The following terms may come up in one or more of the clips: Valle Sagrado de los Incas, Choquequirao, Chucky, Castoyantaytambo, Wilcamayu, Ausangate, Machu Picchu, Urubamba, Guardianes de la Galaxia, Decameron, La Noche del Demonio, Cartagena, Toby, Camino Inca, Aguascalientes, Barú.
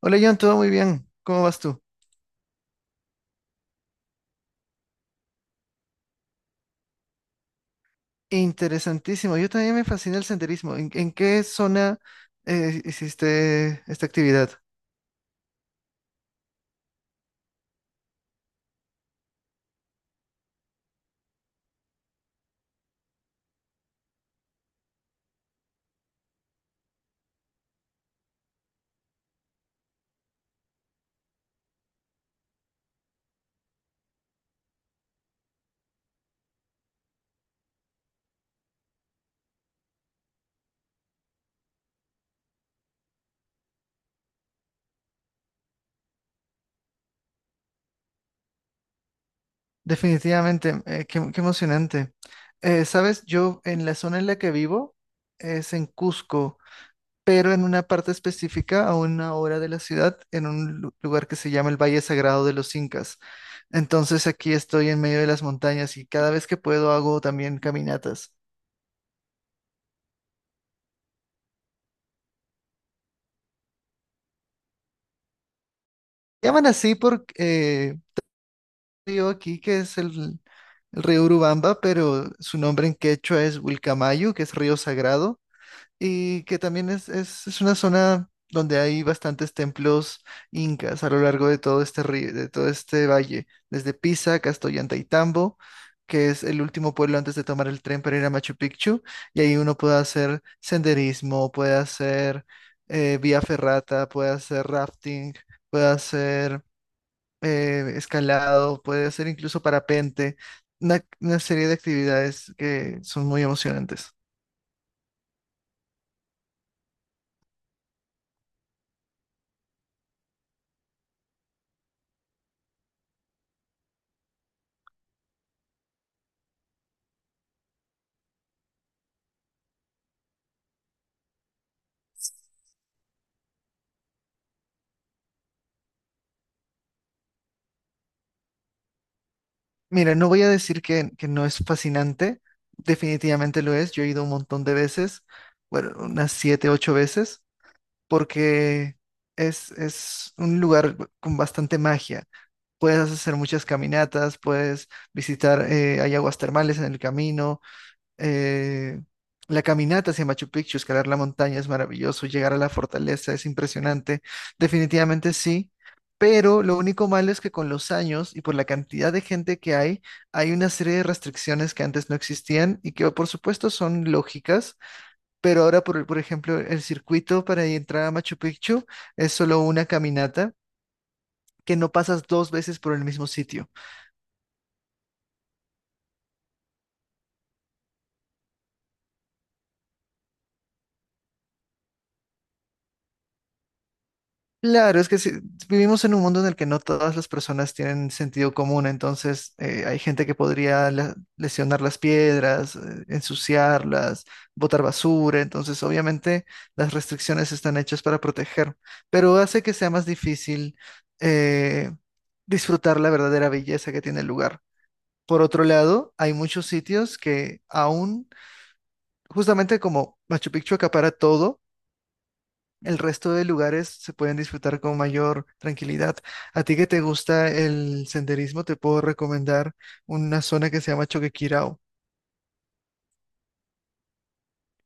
Hola John, todo muy bien. ¿Cómo vas tú? Interesantísimo. Yo también me fascina el senderismo. ¿En qué zona hiciste esta actividad? Definitivamente, qué emocionante. Sabes, yo en la zona en la que vivo es en Cusco, pero en una parte específica, a una hora de la ciudad, en un lugar que se llama el Valle Sagrado de los Incas. Entonces aquí estoy en medio de las montañas y cada vez que puedo hago también caminatas. Llaman así porque río aquí que es el río Urubamba, pero su nombre en quechua es Wilcamayu, que es río sagrado, y que también es una zona donde hay bastantes templos incas a lo largo de todo este río, de todo este valle, desde Pisa, Castoyantaytambo, que es el último pueblo antes de tomar el tren para ir a Machu Picchu, y ahí uno puede hacer senderismo, puede hacer vía ferrata, puede hacer rafting, puede hacer escalado, puede hacer incluso parapente, una serie de actividades que son muy emocionantes. Mira, no voy a decir que no es fascinante, definitivamente lo es. Yo he ido un montón de veces, bueno, unas siete, ocho veces, porque es un lugar con bastante magia. Puedes hacer muchas caminatas, puedes visitar, hay aguas termales en el camino. eh, la caminata hacia Machu Picchu, escalar la montaña es maravilloso, llegar a la fortaleza es impresionante, definitivamente sí, pero lo único malo es que con los años y por la cantidad de gente que hay una serie de restricciones que antes no existían y que por supuesto son lógicas, pero ahora por ejemplo el circuito para entrar a Machu Picchu es solo una caminata que no pasas dos veces por el mismo sitio. Claro, es que sí, vivimos en un mundo en el que no todas las personas tienen sentido común, entonces hay gente que podría lesionar las piedras, ensuciarlas, botar basura. Entonces obviamente las restricciones están hechas para proteger, pero hace que sea más difícil eh, disfrutar la verdadera belleza que tiene el lugar. Por otro lado, hay muchos sitios que aún, justamente como Machu Picchu acapara todo, el resto de lugares se pueden disfrutar con mayor tranquilidad. A ti que te gusta el senderismo, te puedo recomendar una zona que se llama Choquequirao.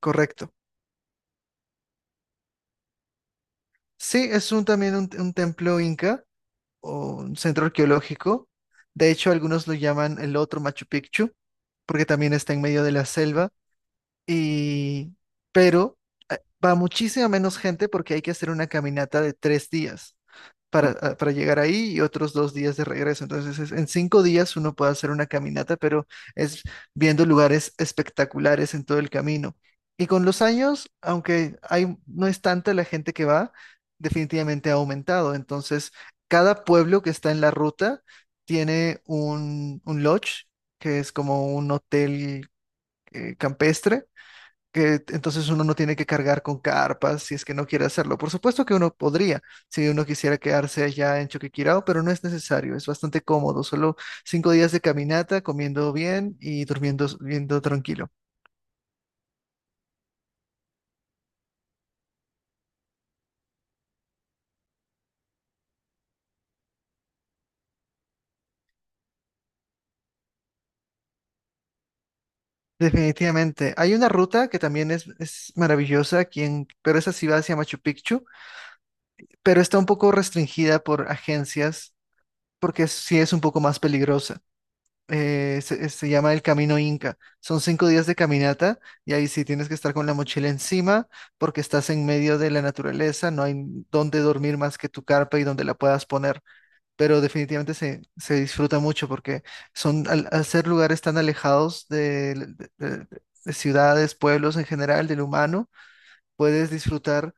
Correcto. Sí, es un, también un, templo inca o un centro arqueológico. De hecho, algunos lo llaman el otro Machu Picchu, porque también está en medio de la selva. Y, pero va muchísima menos gente porque hay que hacer una caminata de 3 días. Para llegar ahí y otros 2 días de regreso. Entonces, en 5 días uno puede hacer una caminata, pero es viendo lugares espectaculares en todo el camino. Y con los años, aunque hay, no es tanta la gente que va, definitivamente ha aumentado. Entonces, cada pueblo que está en la ruta tiene un, lodge, que es como un hotel, campestre, que entonces uno no tiene que cargar con carpas si es que no quiere hacerlo. Por supuesto que uno podría, si uno quisiera quedarse allá en Choquequirao, pero no es necesario, es bastante cómodo, solo 5 días de caminata, comiendo bien y durmiendo tranquilo. Definitivamente. Hay una ruta que también es maravillosa aquí pero esa sí va hacia Machu Picchu, pero está un poco restringida por agencias porque sí es un poco más peligrosa. Se llama el Camino Inca. Son 5 días de caminata y ahí sí tienes que estar con la mochila encima porque estás en medio de la naturaleza, no hay dónde dormir más que tu carpa y donde la puedas poner, pero definitivamente se disfruta mucho porque al ser lugares tan alejados de ciudades, pueblos en general, del humano, puedes disfrutar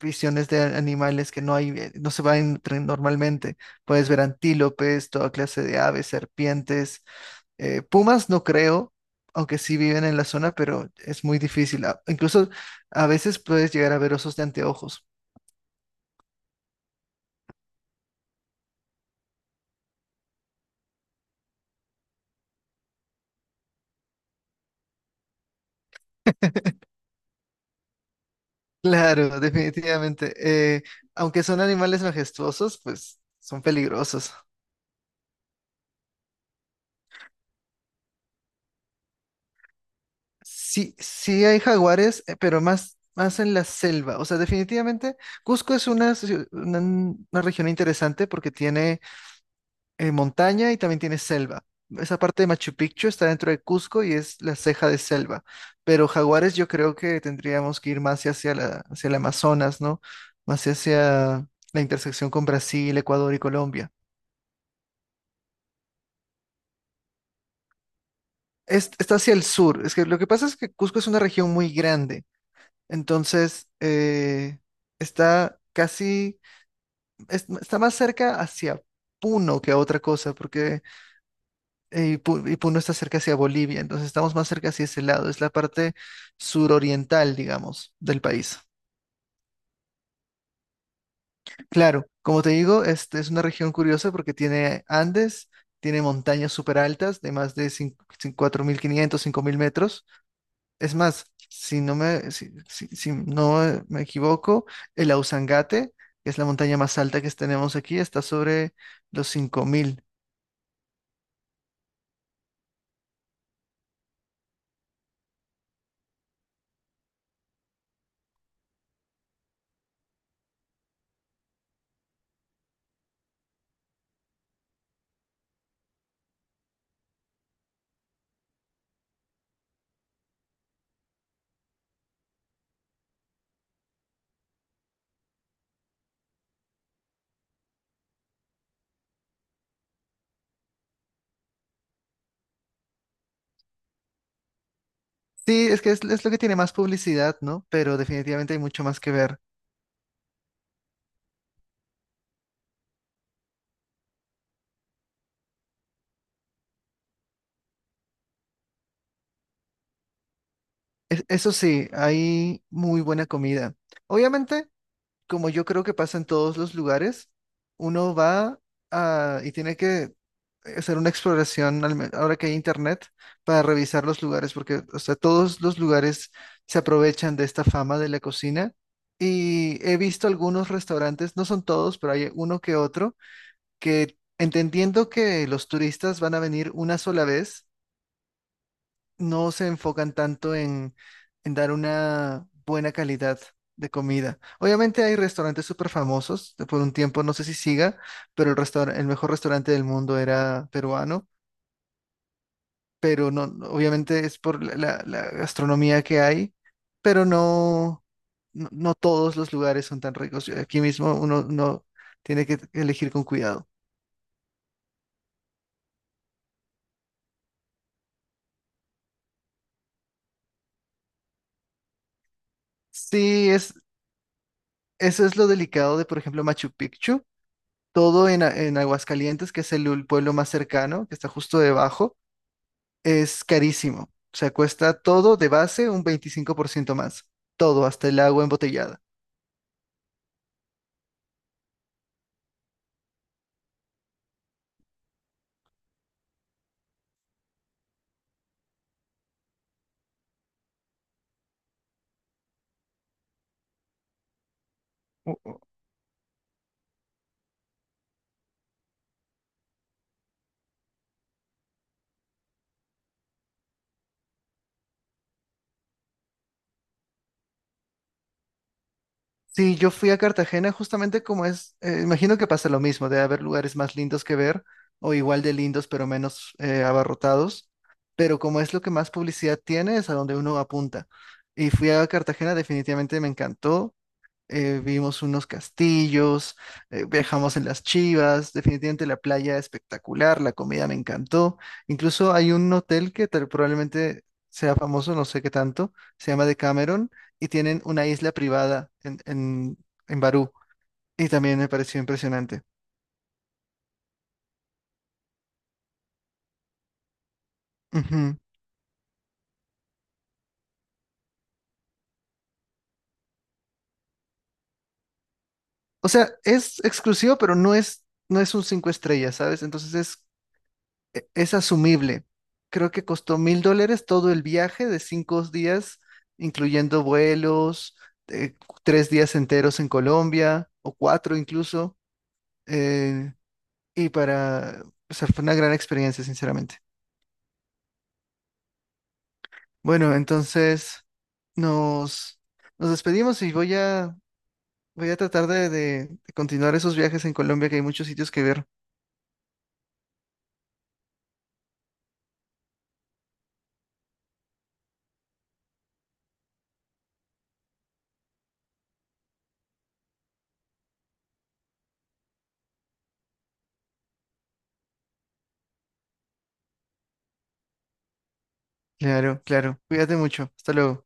visiones de animales que no hay, no se van normalmente. Puedes ver antílopes, toda clase de aves, serpientes, pumas no creo, aunque sí viven en la zona, pero es muy difícil. Incluso a veces puedes llegar a ver osos de anteojos. Claro, definitivamente. Eh, aunque son animales majestuosos, pues son peligrosos. Sí, sí hay jaguares, pero más en la selva. O sea, definitivamente Cusco es una, ciu- una región interesante porque tiene, montaña y también tiene selva. Esa parte de Machu Picchu está dentro de Cusco y es la ceja de selva. Pero jaguares yo creo que tendríamos que ir más hacia el Amazonas, ¿no? Más hacia la intersección con Brasil, Ecuador y Colombia. Está hacia el sur. Es que lo que pasa es que Cusco es una región muy grande. Entonces, está está más cerca hacia Puno que a otra cosa, porque Puno está cerca hacia Bolivia, entonces estamos más cerca hacia ese lado, es la parte suroriental, digamos, del país. Claro, como te digo, este es una región curiosa porque tiene Andes, tiene montañas súper altas de más de 4.500, 5.000 metros. Es más, si no me equivoco, el Ausangate, que es la montaña más alta que tenemos aquí, está sobre los 5.000. Sí, es que es lo que tiene más publicidad, ¿no? Pero definitivamente hay mucho más que ver. Eso sí, hay muy buena comida. Obviamente, como yo creo que pasa en todos los lugares, uno va y tiene que hacer una exploración, ahora que hay internet, para revisar los lugares, porque o sea, todos los lugares se aprovechan de esta fama de la cocina. Y he visto algunos restaurantes, no son todos, pero hay uno que otro, que entendiendo que los turistas van a venir una sola vez, no se enfocan tanto en dar una buena calidad de comida. Obviamente hay restaurantes súper famosos. De por un tiempo no sé si siga, pero el mejor restaurante del mundo era peruano, pero no, no, obviamente es por la gastronomía que hay, pero no, no, no todos los lugares son tan ricos. Aquí mismo uno tiene que elegir con cuidado. Sí, eso es lo delicado de, por ejemplo, Machu Picchu. Todo en Aguascalientes, que es el pueblo más cercano, que está justo debajo, es carísimo. O sea, cuesta todo de base un 25% más. Todo, hasta el agua embotellada. Sí, yo fui a Cartagena justamente, como imagino que pasa lo mismo, debe haber lugares más lindos que ver o igual de lindos pero menos, abarrotados, pero como es lo que más publicidad tiene es a donde uno apunta. Y fui a Cartagena, definitivamente me encantó. Vimos unos castillos, viajamos en las chivas, definitivamente la playa espectacular, la comida me encantó. Incluso hay un hotel que probablemente sea famoso, no sé qué tanto, se llama Decameron y tienen una isla privada en Barú, y también me pareció impresionante. Ujú. O sea, es exclusivo, pero no es un cinco estrellas, ¿sabes? Entonces es asumible. Creo que costó $1,000 todo el viaje de 5 días, incluyendo vuelos, eh, 3 días enteros en Colombia o cuatro incluso. eh, y o sea, fue una gran experiencia, sinceramente. Bueno, entonces nos, nos despedimos y voy a tratar de continuar esos viajes en Colombia, que hay muchos sitios que ver. Claro, claro. Cuídate mucho. Hasta luego.